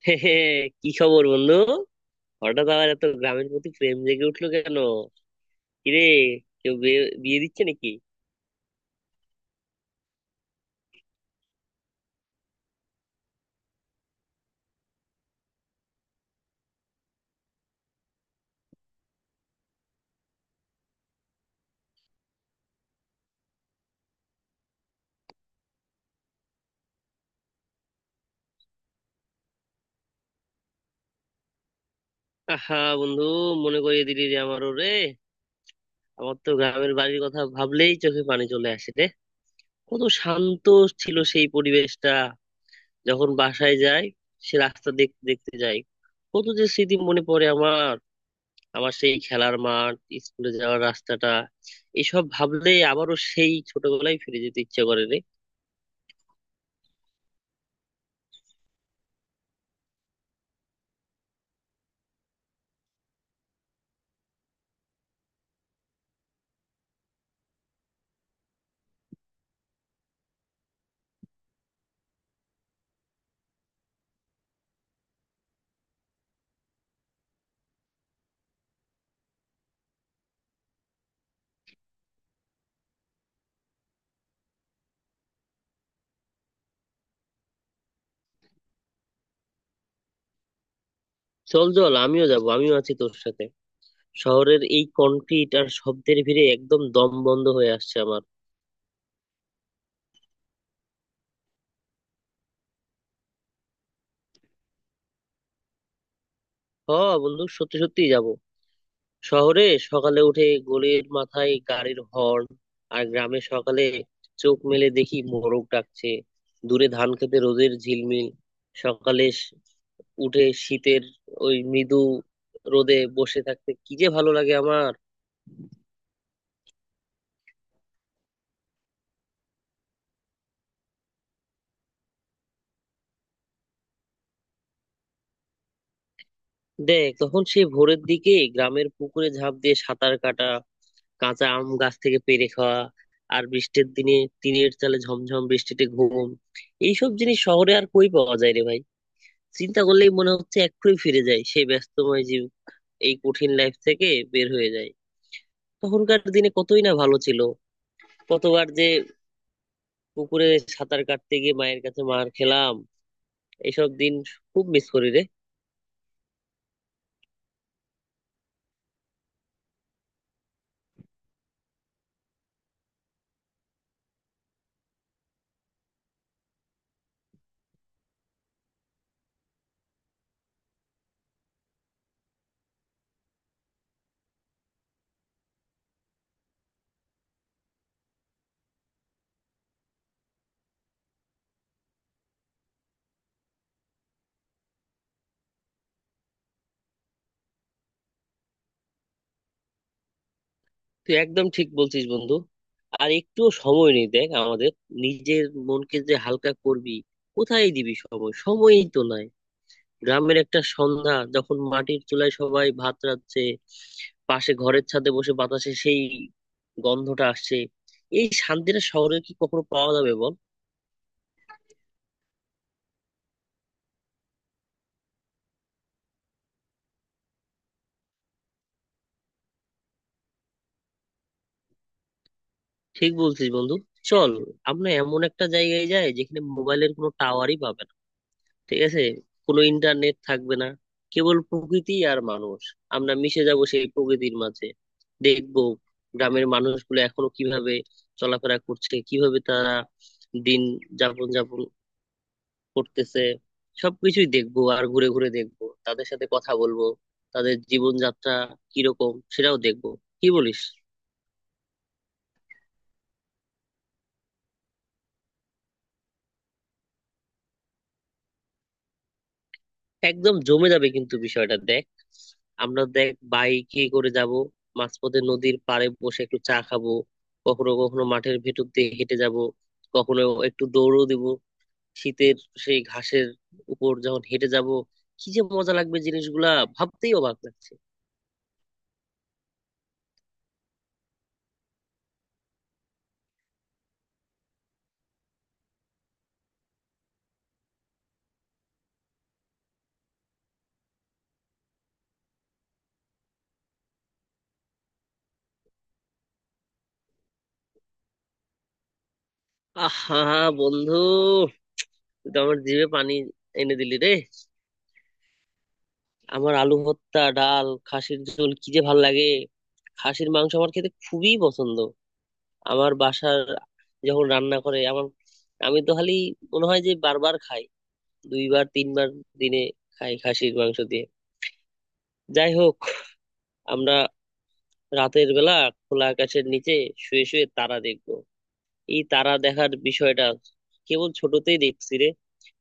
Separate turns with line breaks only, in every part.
কি খবর বন্ধু? হঠাৎ আবার এত গ্রামের প্রতি প্রেম জেগে উঠলো কেন? কিরে, কেউ বিয়ে বিয়ে দিচ্ছে নাকি? আহা বন্ধু, মনে করিয়ে দিলি রে আমার রে। আমার তো গ্রামের বাড়ির কথা ভাবলেই চোখে পানি চলে আসে রে। কত শান্ত ছিল সেই পরিবেশটা। যখন বাসায় যাই, সে রাস্তা দেখতে দেখতে যাই, কত যে স্মৃতি মনে পড়ে আমার। আমার সেই খেলার মাঠ, স্কুলে যাওয়ার রাস্তাটা, এসব ভাবলেই আবারও সেই ছোটবেলায় ফিরে যেতে ইচ্ছে করে রে। চল চল, আমিও যাব, আমিও আছি তোর সাথে। শহরের এই কনক্রিট আর শব্দের ভিড়ে একদম দম বন্ধ হয়ে আসছে আমার। হ বন্ধু, সত্যি সত্যি যাব। শহরে সকালে উঠে গলির মাথায় গাড়ির হর্ন, আর গ্রামে সকালে চোখ মেলে দেখি মোরগ ডাকছে, দূরে ধান খেতে রোদের ঝিলমিল। সকালে উঠে শীতের ওই মৃদু রোদে বসে থাকতে কি যে ভালো লাগে আমার। দেখ, তখন সেই ভোরের দিকে গ্রামের পুকুরে ঝাঁপ দিয়ে সাঁতার কাটা, কাঁচা আম গাছ থেকে পেড়ে খাওয়া, আর বৃষ্টির দিনে টিনের চালে ঝমঝম বৃষ্টিতে ঘুম, এইসব জিনিস শহরে আর কই পাওয়া যায় রে ভাই। চিন্তা করলেই মনে হচ্ছে এক্ষুনি ফিরে যায় সেই ব্যস্তময় জীব, এই কঠিন লাইফ থেকে বের হয়ে যায়। তখনকার দিনে কতই না ভালো ছিল। কতবার যে পুকুরে সাঁতার কাটতে গিয়ে মায়ের কাছে মার খেলাম। এসব দিন খুব মিস করি রে। তুই একদম ঠিক বলছিস বন্ধু। আর একটুও সময় নেই দেখ আমাদের। নিজের মনকে যে হালকা করবি, কোথায় দিবি সময়, সময়ই তো নাই। গ্রামের একটা সন্ধ্যা, যখন মাটির চুলায় সবাই ভাত রাঁধছে, পাশে ঘরের ছাদে বসে বাতাসে সেই গন্ধটা আসছে, এই শান্তিটা শহরে কি কখনো পাওয়া যাবে বল? ঠিক বলছিস বন্ধু। চল, আমরা এমন একটা জায়গায় যাই যেখানে মোবাইলের কোনো টাওয়ারই পাবে না। ঠিক আছে, কোনো ইন্টারনেট থাকবে না, কেবল প্রকৃতি আর মানুষ। আমরা মিশে যাব সেই প্রকৃতির মাঝে। দেখবো গ্রামের মানুষগুলো এখনো কিভাবে চলাফেরা করছে, কিভাবে তারা দিন যাপন যাপন করতেছে। সবকিছুই দেখবো, আর ঘুরে ঘুরে দেখবো, তাদের সাথে কথা বলবো, তাদের জীবনযাত্রা কিরকম সেটাও দেখবো। কি বলিস? একদম জমে যাবে কিন্তু বিষয়টা। দেখ, আমরা দেখ বাইকে করে যাব, মাঝপথে নদীর পাড়ে বসে একটু চা খাবো, কখনো কখনো মাঠের ভেতর দিয়ে হেঁটে যাব, কখনো একটু দৌড়ও দিব। শীতের সেই ঘাসের উপর যখন হেঁটে যাব, কি যে মজা লাগবে জিনিসগুলা, ভাবতেই অবাক লাগছে। আহা বন্ধু, তুই তো আমার জিভে পানি এনে দিলি রে। আমার আলু ভর্তা, ডাল, খাসির ঝোল কি যে ভাল লাগে। খাসির মাংস আমার খেতে খুবই পছন্দ। আমার বাসার যখন রান্না করে, আমার আমি তো খালি মনে হয় যে বারবার খাই, দুইবার তিনবার দিনে খাই খাসির মাংস দিয়ে। যাই হোক, আমরা রাতের বেলা খোলা আকাশের নিচে শুয়ে শুয়ে তারা দেখবো। এই তারা দেখার বিষয়টা কেবল ছোটতেই দেখছি রে,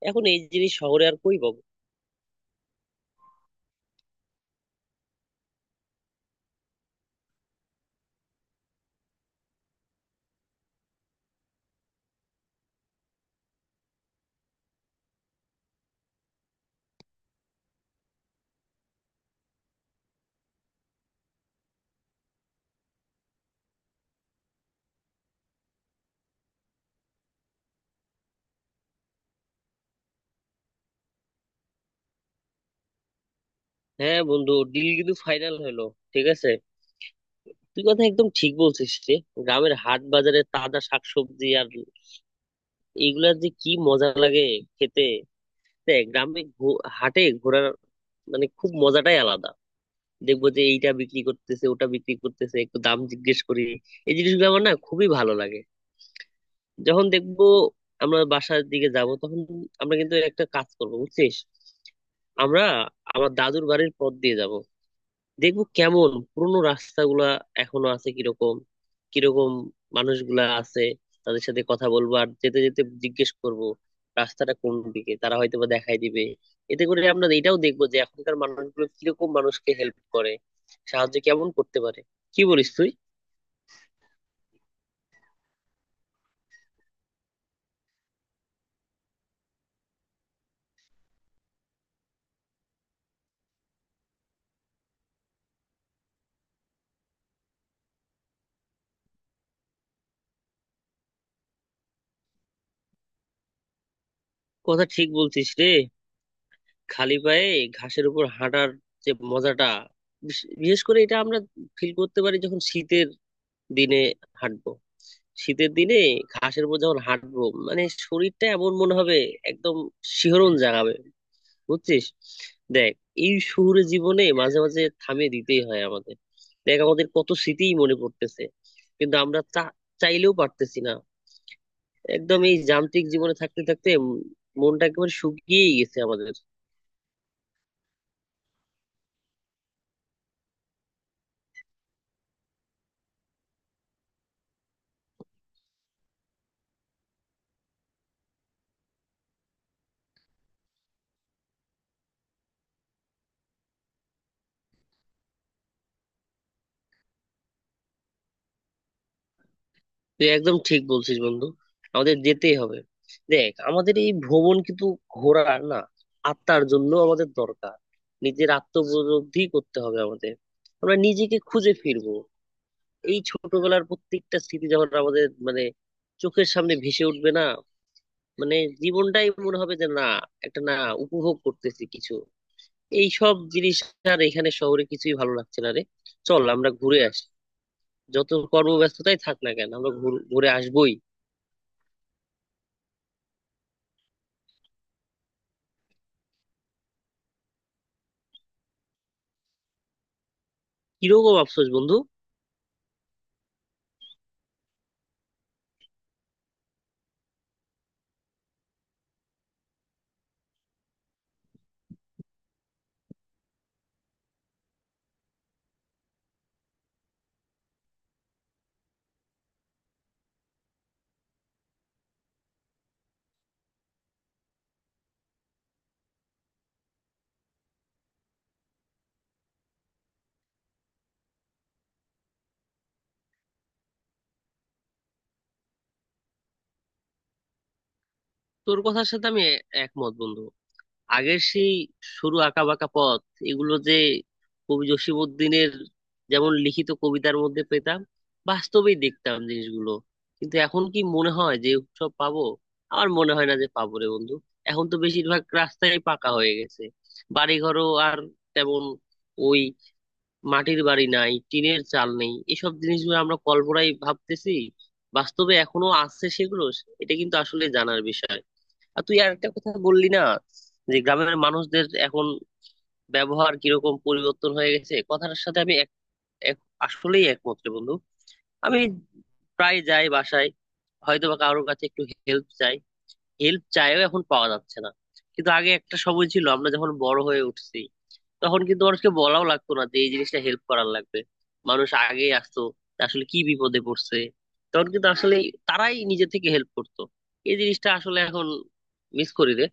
এখন এই জিনিস শহরে আর কই পাবো। হ্যাঁ বন্ধু, ডিল কিন্তু ফাইনাল হলো, ঠিক আছে। তুই কথা একদম ঠিক বলছিস রে। গ্রামের হাট বাজারে তাজা শাকসবজি আর এইগুলার যে কি মজা লাগে খেতে। দেখ, গ্রামে হাটে ঘোরার মানে খুব মজাটাই আলাদা। দেখবো যে এইটা বিক্রি করতেছে, ওটা বিক্রি করতেছে, একটু দাম জিজ্ঞেস করি, এই জিনিসগুলো আমার না খুবই ভালো লাগে। যখন দেখবো আমরা বাসার দিকে যাব, তখন আমরা কিন্তু একটা কাজ করবো বুঝছিস। আমরা আমার দাদুর বাড়ির পথ দিয়ে যাব, দেখবো কেমন পুরোনো রাস্তাগুলা এখনো আছে, কিরকম কিরকম মানুষগুলা আছে, তাদের সাথে কথা বলবো আর যেতে যেতে জিজ্ঞেস করব রাস্তাটা কোন দিকে, তারা হয়তো বা দেখাই দিবে। এতে করে আমরা এটাও দেখবো যে এখনকার মানুষগুলো কিরকম মানুষকে হেল্প করে, সাহায্য কেমন করতে পারে। কি বলিস তুই? কথা ঠিক বলছিস রে। খালি পায়ে ঘাসের উপর হাঁটার যে মজাটা, বিশেষ করে এটা আমরা ফিল করতে পারি যখন শীতের দিনে হাঁটবো। শীতের দিনে ঘাসের উপর যখন হাঁটবো, মানে শরীরটা এমন মনে হবে, একদম শিহরণ জাগাবে, বুঝছিস? দেখ, এই শহুরে জীবনে মাঝে মাঝে থামিয়ে দিতেই হয় আমাদের। দেখ আমাদের কত স্মৃতিই মনে পড়তেছে, কিন্তু আমরা চাইলেও পারতেছি না। একদম এই যান্ত্রিক জীবনে থাকতে থাকতে মনটা একেবারে শুকিয়েই গেছে আমাদের। তুই একদম ঠিক বলছিস বন্ধু, আমাদের যেতেই হবে। দেখ, আমাদের এই ভ্রমণ কিন্তু ঘোরার না, আত্মার জন্য আমাদের দরকার। নিজের আত্মবোধি করতে হবে আমাদের, আমরা নিজেকে খুঁজে ফিরবো। এই ছোটবেলার প্রত্যেকটা স্মৃতি যখন আমাদের মানে চোখের সামনে ভেসে উঠবে না, মানে জীবনটাই মনে হবে যে না একটা না উপভোগ করতেছি কিছু এই সব জিনিস। আর এখানে শহরে কিছুই ভালো লাগছে না রে। চল আমরা ঘুরে আসি, যত কর্মব্যস্ততাই থাক না কেন আমরা ঘুরে আসবোই। কিরকম আফসোস বন্ধু? তোর কথার সাথে আমি একমত বন্ধু। আগের সেই সরু আঁকা বাঁকা পথ, এগুলো যে কবি জসিমউদ্দিনের যেমন লিখিত কবিতার মধ্যে পেতাম, বাস্তবেই দেখতাম জিনিসগুলো। কিন্তু এখন কি মনে হয় যে সব পাবো? আর মনে হয় না যে পাবো রে বন্ধু। এখন তো বেশিরভাগ রাস্তায় পাকা হয়ে গেছে, বাড়িঘরও আর তেমন, ওই মাটির বাড়ি নাই, টিনের চাল নেই। এসব জিনিসগুলো আমরা কল্পনায় ভাবতেছি, বাস্তবে এখনো আছে সেগুলো? এটা কিন্তু আসলে জানার বিষয়। আর তুই আর একটা কথা বললি না, যে গ্রামের মানুষদের এখন ব্যবহার কিরকম পরিবর্তন হয়ে গেছে, কথাটার সাথে আমি এক এক- আসলেই একমাত্র বন্ধু। আমি প্রায় যাই বাসায়, হয়তো বা কারোর কাছে একটু হেল্প চাই, হেল্প চাইও এখন পাওয়া যাচ্ছে না। কিন্তু আগে একটা সময় ছিল, আমরা যখন বড় হয়ে উঠছি, তখন কিন্তু মানুষকে বলাও লাগতো না যে এই জিনিসটা হেল্প করার লাগবে। মানুষ আগে আসতো, আসলে কি বিপদে পড়ছে, তখন কিন্তু আসলে তারাই নিজে থেকে হেল্প করতো। এই জিনিসটা আসলে এখন মিস করি রে।